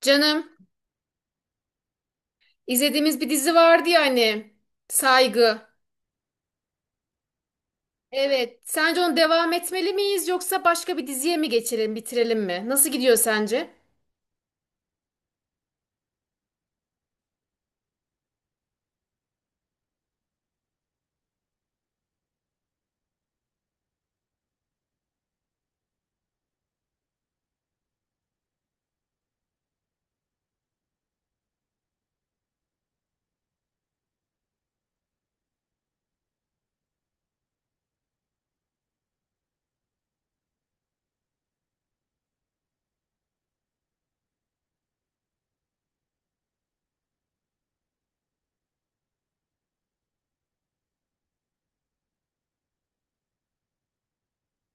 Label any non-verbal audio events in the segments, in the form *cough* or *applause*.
Canım, izlediğimiz bir dizi vardı ya hani, Saygı. Evet, sence onu devam etmeli miyiz yoksa başka bir diziye mi geçelim, bitirelim mi? Nasıl gidiyor sence?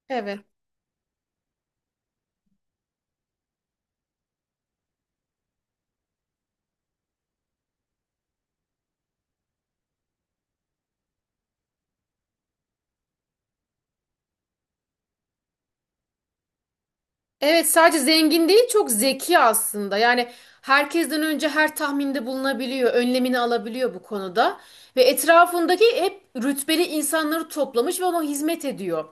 Evet. Evet, sadece zengin değil, çok zeki aslında. Yani herkesten önce her tahminde bulunabiliyor, önlemini alabiliyor bu konuda. Ve etrafındaki hep rütbeli insanları toplamış ve ona hizmet ediyor.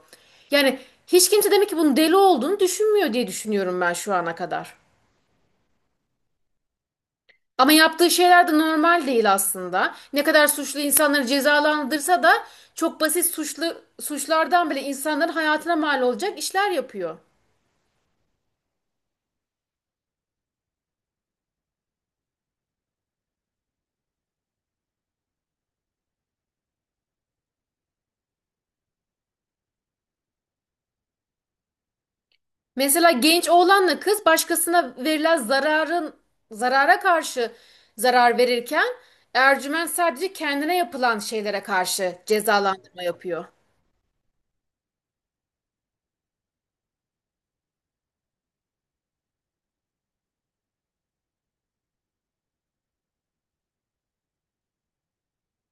Yani hiç kimse demek ki bunun deli olduğunu düşünmüyor diye düşünüyorum ben şu ana kadar. Ama yaptığı şeyler de normal değil aslında. Ne kadar suçlu insanları cezalandırsa da çok basit suçlardan bile insanların hayatına mal olacak işler yapıyor. Mesela genç oğlanla kız başkasına verilen zararın zarara karşı zarar verirken Ercüment sadece kendine yapılan şeylere karşı cezalandırma yapıyor.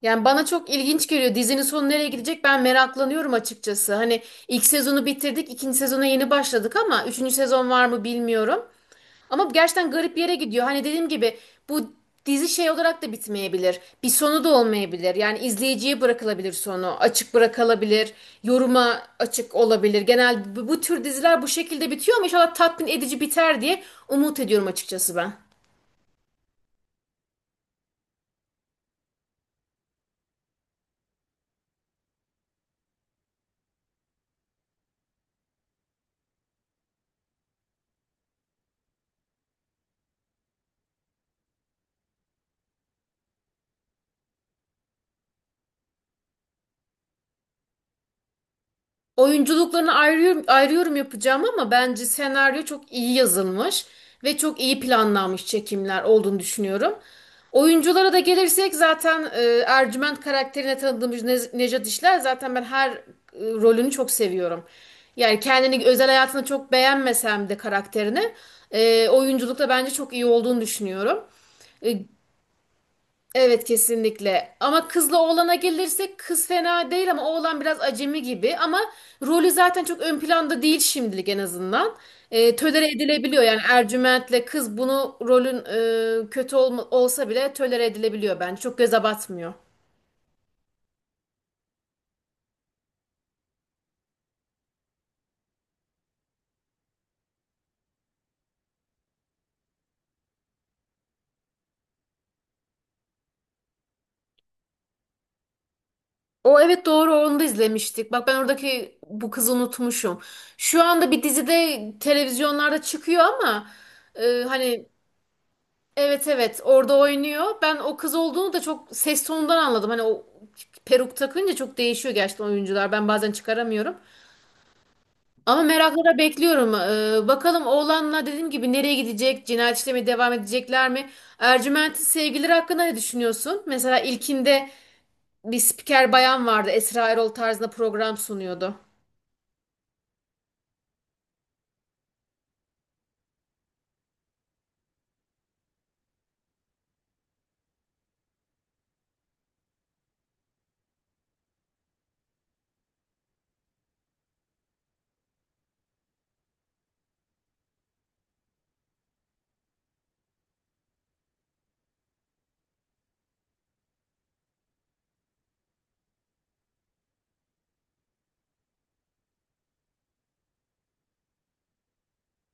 Yani bana çok ilginç geliyor. Dizinin sonu nereye gidecek ben meraklanıyorum açıkçası. Hani ilk sezonu bitirdik, ikinci sezona yeni başladık ama üçüncü sezon var mı bilmiyorum. Ama gerçekten garip bir yere gidiyor. Hani dediğim gibi bu dizi şey olarak da bitmeyebilir. Bir sonu da olmayabilir. Yani izleyiciye bırakılabilir sonu. Açık bırakılabilir. Yoruma açık olabilir. Genel bu tür diziler bu şekilde bitiyor ama inşallah tatmin edici biter diye umut ediyorum açıkçası ben. Oyunculuklarını ayrıyorum yapacağım ama bence senaryo çok iyi yazılmış ve çok iyi planlanmış çekimler olduğunu düşünüyorum. Oyunculara da gelirsek zaten Ercüment karakterine tanıdığımız Nejat İşler zaten ben her rolünü çok seviyorum. Yani kendini özel hayatını çok beğenmesem de karakterini oyunculukta bence çok iyi olduğunu düşünüyorum. E, Evet kesinlikle. Ama kızla oğlana gelirsek kız fena değil ama oğlan biraz acemi gibi. Ama rolü zaten çok ön planda değil şimdilik en azından. Tölere edilebiliyor yani Ercüment'le kız bunu rolün kötü olsa bile tölere edilebiliyor bence. Çok göze batmıyor. O evet doğru onu da izlemiştik. Bak ben oradaki bu kızı unutmuşum. Şu anda bir dizide televizyonlarda çıkıyor ama hani. Evet, orada oynuyor. Ben o kız olduğunu da çok ses tonundan anladım. Hani o peruk takınca çok değişiyor gerçekten oyuncular. Ben bazen çıkaramıyorum. Ama merakla da bekliyorum. Bakalım oğlanla dediğim gibi nereye gidecek? Cinayet işlemeye devam edecekler mi? Ercüment'in sevgilileri hakkında ne düşünüyorsun? Mesela ilkinde bir spiker bayan vardı. Esra Erol tarzında program sunuyordu.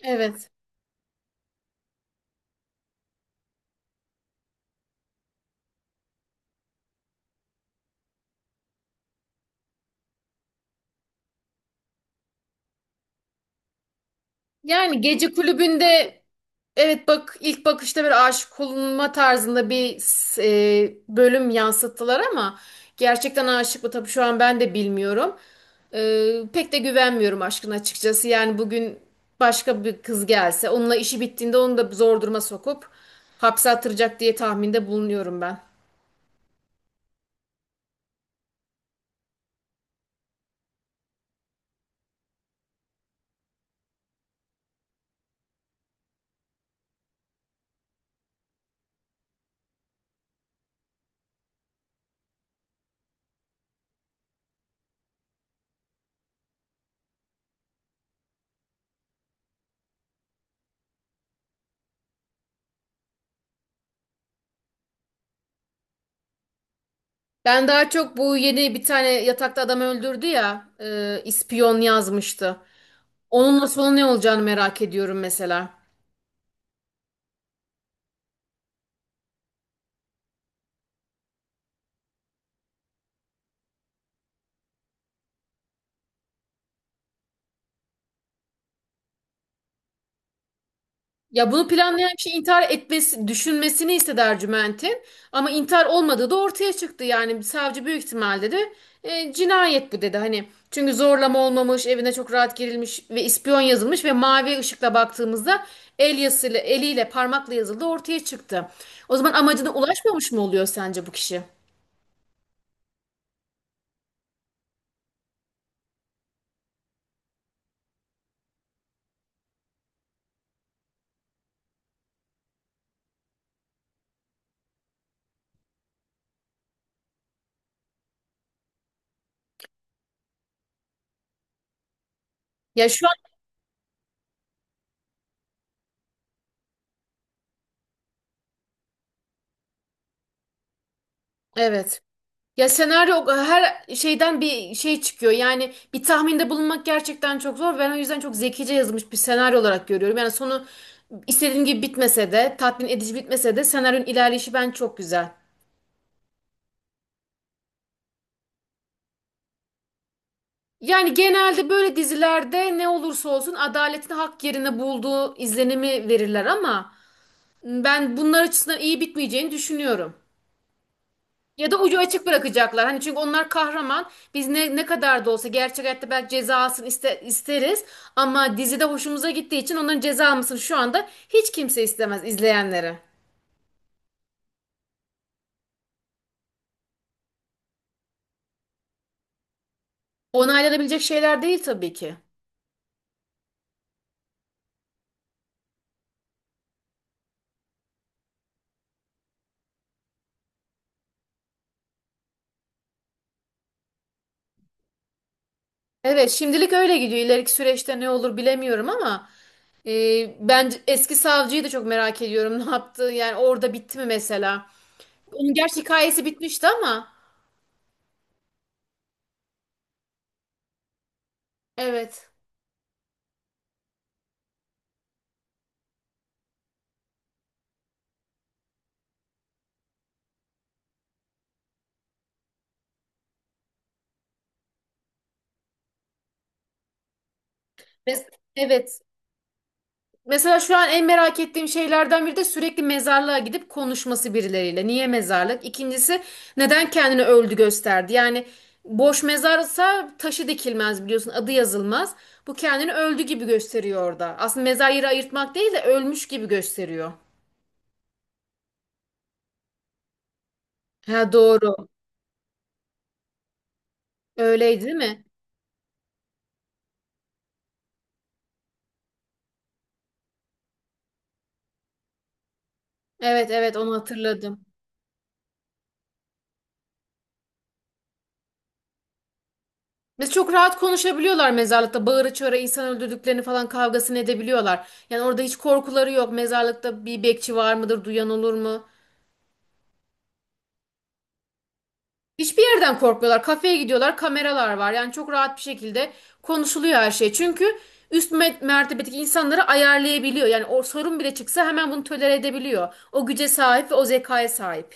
Evet. Yani gece kulübünde evet, bak ilk bakışta bir aşık olunma tarzında bir bölüm yansıttılar ama gerçekten aşık mı tabii şu an ben de bilmiyorum. Pek de güvenmiyorum aşkın açıkçası. Yani bugün başka bir kız gelse onunla işi bittiğinde onu da zor duruma sokup hapse attıracak diye tahminde bulunuyorum ben. Ben daha çok bu yeni bir tane yatakta adam öldürdü ya ispiyon yazmıştı. Onunla sonu ne olacağını merak ediyorum mesela. Ya bunu planlayan kişi intihar etmesi, düşünmesini istedi Ercüment'in. Ama intihar olmadığı da ortaya çıktı. Yani savcı büyük ihtimalle de "E, cinayet bu" dedi. Hani çünkü zorlama olmamış, evine çok rahat girilmiş ve ispiyon yazılmış ve mavi ışıkla baktığımızda el yazısıyla, eliyle parmakla yazıldı ortaya çıktı. O zaman amacına ulaşmamış mı oluyor sence bu kişi? Ya şu an evet. Ya senaryo her şeyden bir şey çıkıyor. Yani bir tahminde bulunmak gerçekten çok zor. Ben o yüzden çok zekice yazılmış bir senaryo olarak görüyorum. Yani sonu istediğim gibi bitmese de, tatmin edici bitmese de senaryonun ilerleyişi ben çok güzel. Yani genelde böyle dizilerde ne olursa olsun adaletin hak yerine bulduğu izlenimi verirler ama ben bunlar açısından iyi bitmeyeceğini düşünüyorum. Ya da ucu açık bırakacaklar. Hani çünkü onlar kahraman. Biz ne kadar da olsa gerçek hayatta belki cezasını isteriz ama dizide hoşumuza gittiği için onların ceza mısın şu anda hiç kimse istemez izleyenlere. Onaylanabilecek şeyler değil tabii ki. Evet, şimdilik öyle gidiyor. İleriki süreçte ne olur bilemiyorum ama ben eski savcıyı da çok merak ediyorum. *laughs* Ne yaptı? Yani orada bitti mi mesela? Onun gerçi hikayesi bitmişti ama evet. Mes- Evet. Mesela şu an en merak ettiğim şeylerden biri de sürekli mezarlığa gidip konuşması birileriyle. Niye mezarlık? İkincisi neden kendini öldü gösterdi? Yani boş mezarsa taşı dikilmez biliyorsun adı yazılmaz. Bu kendini öldü gibi gösteriyor orada. Aslında mezar yeri ayırtmak değil de ölmüş gibi gösteriyor. Ha doğru. Öyleydi değil mi? Evet, onu hatırladım. Biz çok rahat konuşabiliyorlar mezarlıkta. Bağıra çağıra insan öldürdüklerini falan kavgasını edebiliyorlar. Yani orada hiç korkuları yok. Mezarlıkta bir bekçi var mıdır, duyan olur mu? Hiçbir yerden korkmuyorlar. Kafeye gidiyorlar, kameralar var. Yani çok rahat bir şekilde konuşuluyor her şey. Çünkü üst mertebedeki insanları ayarlayabiliyor. Yani o sorun bile çıksa hemen bunu tolere edebiliyor. O güce sahip ve o zekaya sahip.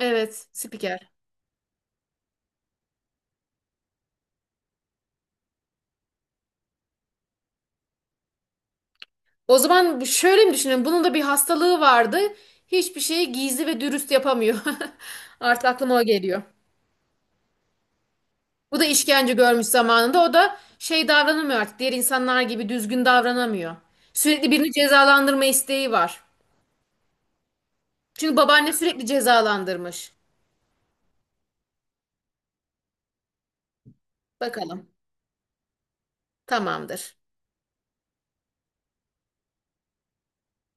Evet, spiker. O zaman şöyle mi düşünelim? Bunun da bir hastalığı vardı. Hiçbir şeyi gizli ve dürüst yapamıyor. *laughs* Artık aklıma o geliyor. Bu da işkence görmüş zamanında. O da şey davranamıyor artık. Diğer insanlar gibi düzgün davranamıyor. Sürekli birini cezalandırma isteği var. Çünkü babaanne sürekli cezalandırmış. Bakalım. Tamamdır.